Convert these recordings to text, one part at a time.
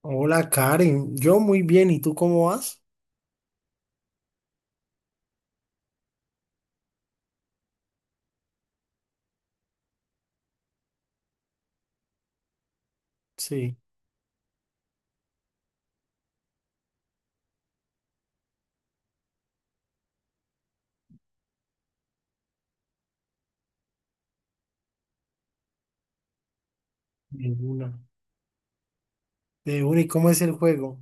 Hola Karen, yo muy bien, ¿y tú cómo vas? Sí, de una. De una, ¿y cómo es el juego?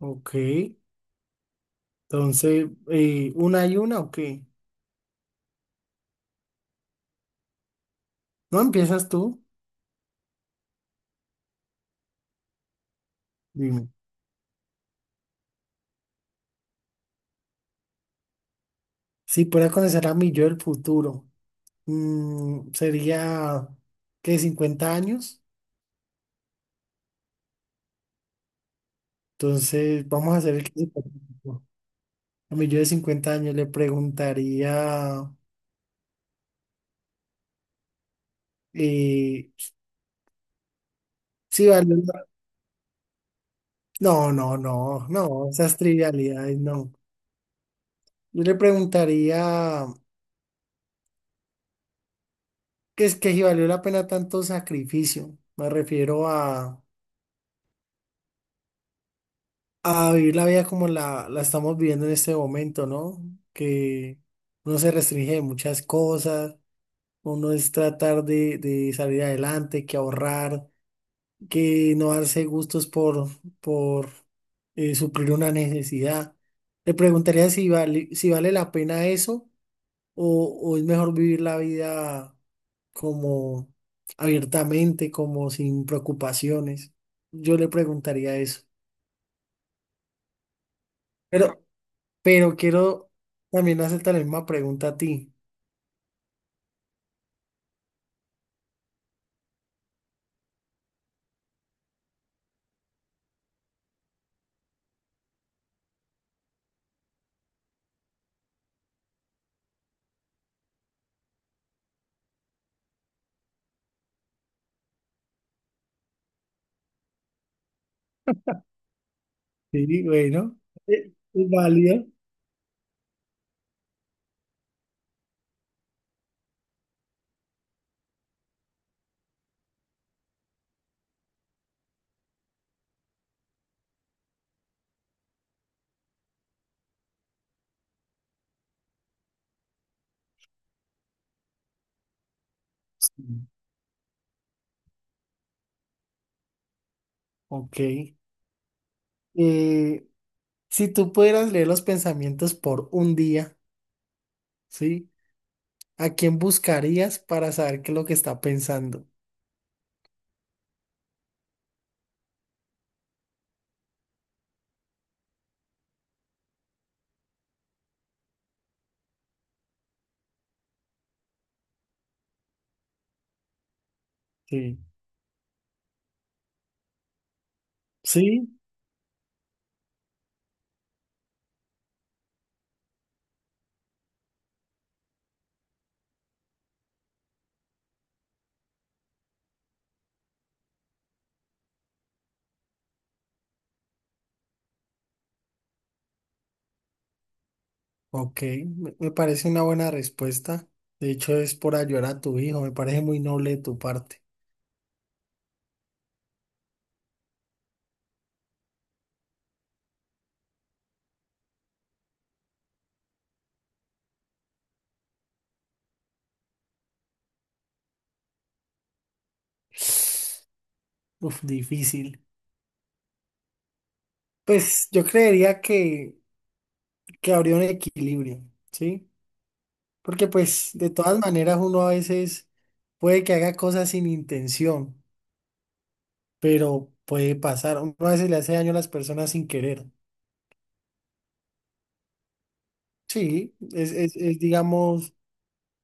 Ok, entonces, ¿una y una o qué? ¿No empiezas tú? Dime. Si pudiera conocer a mi yo del futuro, sería, ¿qué? ¿50 años? Entonces, vamos a hacer el caso hipotético. A mi yo de 50 años le preguntaría eh, si vale. No, no, no, no, esas trivialidades, no. Yo le preguntaría, ¿qué es que si valió la pena tanto sacrificio? Me refiero a vivir la vida como la estamos viviendo en este momento, ¿no? Que uno se restringe de muchas cosas, uno es tratar de salir adelante, que ahorrar, que no darse gustos por, por suplir una necesidad. Le preguntaría si vale, si vale la pena eso o es mejor vivir la vida, como abiertamente, como sin preocupaciones. Yo le preguntaría eso. Pero, pero quiero también hacerte la misma pregunta a ti. Sí, bueno, es válido. Sí. Ok. Eh, si tú pudieras leer los pensamientos por un día, ¿sí? ¿A quién buscarías para saber qué es lo que está pensando? Sí. Sí, ok. Me parece una buena respuesta. De hecho, es por ayudar a tu hijo. Me parece muy noble de tu parte. Uf, difícil. Pues yo creería que habría un equilibrio, ¿sí? Porque pues de todas maneras uno a veces puede que haga cosas sin intención, pero puede pasar. Uno a veces le hace daño a las personas sin querer. Sí, digamos,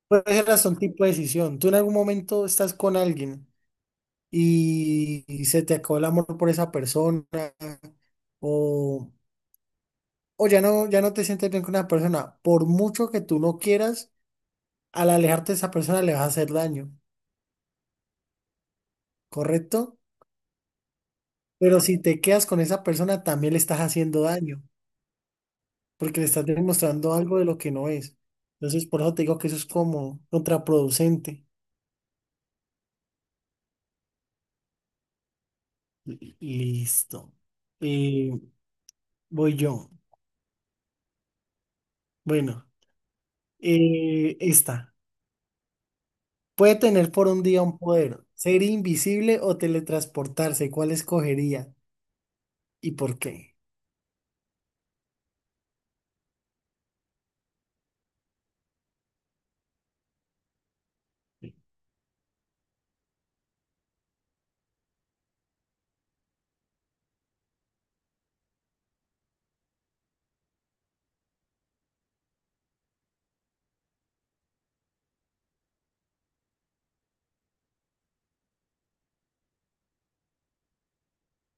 puede ser hasta un tipo de decisión. Tú en algún momento estás con alguien y se te acabó el amor por esa persona o, o ya no, ya no te sientes bien con una persona. Por mucho que tú no quieras, al alejarte de esa persona le vas a hacer daño, ¿correcto? Pero si te quedas con esa persona, también le estás haciendo daño, porque le estás demostrando algo de lo que no es. Entonces, por eso te digo que eso es como contraproducente. Listo. Eh, voy yo. Bueno, esta. Puede tener por un día un poder, ser invisible o teletransportarse. ¿Cuál escogería y por qué?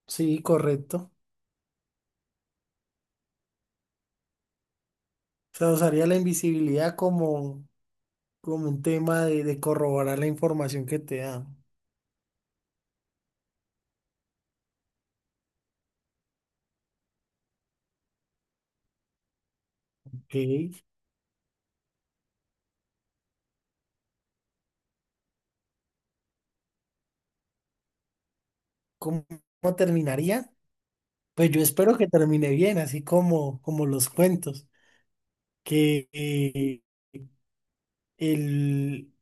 Sí, correcto. O sea, usaría la invisibilidad como, como un tema de corroborar la información que te da. Ok. ¿Cómo, cómo terminaría? Pues yo espero que termine bien, así como, como los cuentos, que el,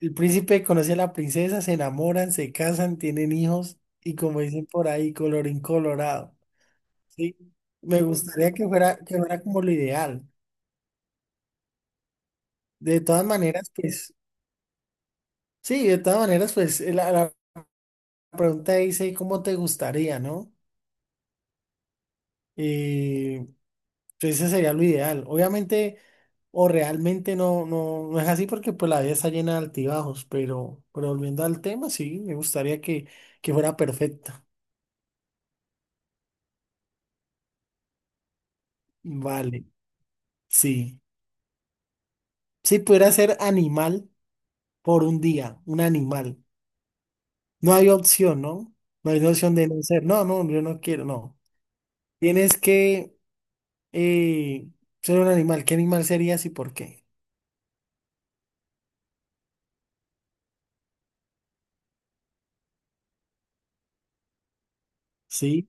el príncipe conoce a la princesa, se enamoran, se casan, tienen hijos y, como dicen por ahí, colorín colorado. Sí, me gustaría que fuera como lo ideal. De todas maneras, pues, sí, de todas maneras, pues la pregunta dice, ¿cómo te gustaría, no? Eh, entonces ese sería lo ideal. Obviamente, o realmente no, no, no es así porque pues la vida está llena de altibajos, pero volviendo al tema, sí, me gustaría que fuera perfecta. Vale, sí. Si pudiera ser animal por un día, un animal. No hay opción, ¿no? No hay opción de no ser. No, no, yo no quiero, no. Tienes que eh, ser un animal. ¿Qué animal serías y por qué? Sí,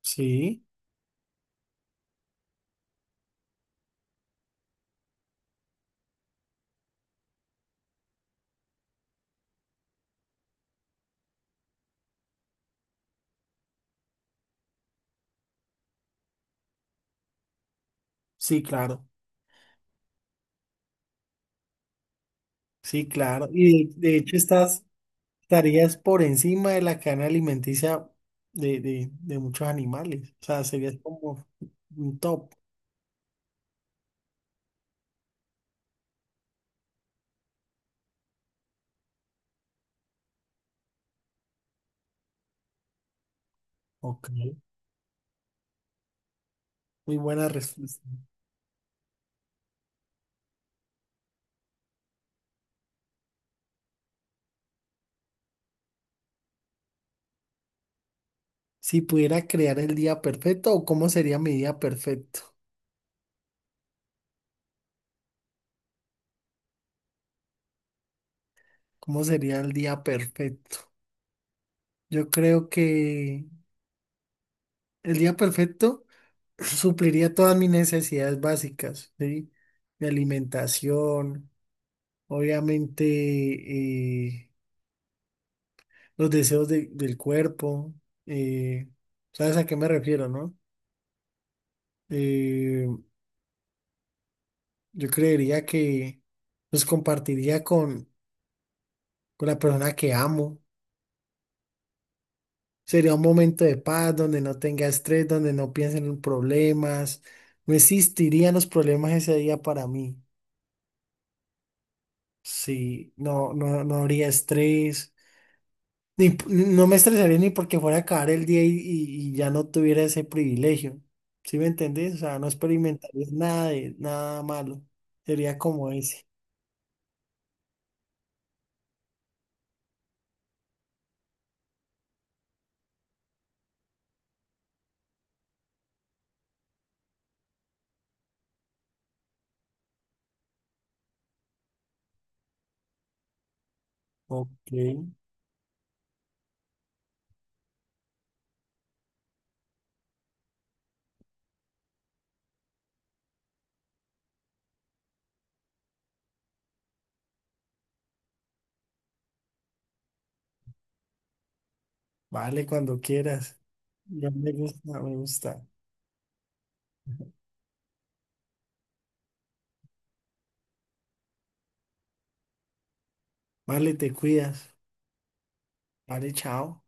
sí, sí, claro. Sí, claro. Y de hecho estás... Estarías por encima de la cadena alimenticia de muchos animales. O sea, serías como un top. Ok, muy buena respuesta. Si pudiera crear el día perfecto, ¿o cómo sería mi día perfecto? ¿Cómo sería el día perfecto? Yo creo que el día perfecto supliría todas mis necesidades básicas, ¿sí? De alimentación, obviamente, los deseos del cuerpo. eh, ¿Sabes a qué me refiero, no? Eh, yo creería que los compartiría con la persona que amo. Sería un momento de paz donde no tenga estrés, donde no piensen en problemas. No existirían los problemas ese día para mí. Sí, no, no, no habría estrés. Ni p- No me estresaría ni porque fuera a acabar el día y ya no tuviera ese privilegio. ¿Sí me entendés? O sea, no experimentaría nada de nada malo. Sería como ese. Ok, vale, cuando quieras. Ya me gusta, me gusta. Vale, te cuidas. Vale, chao.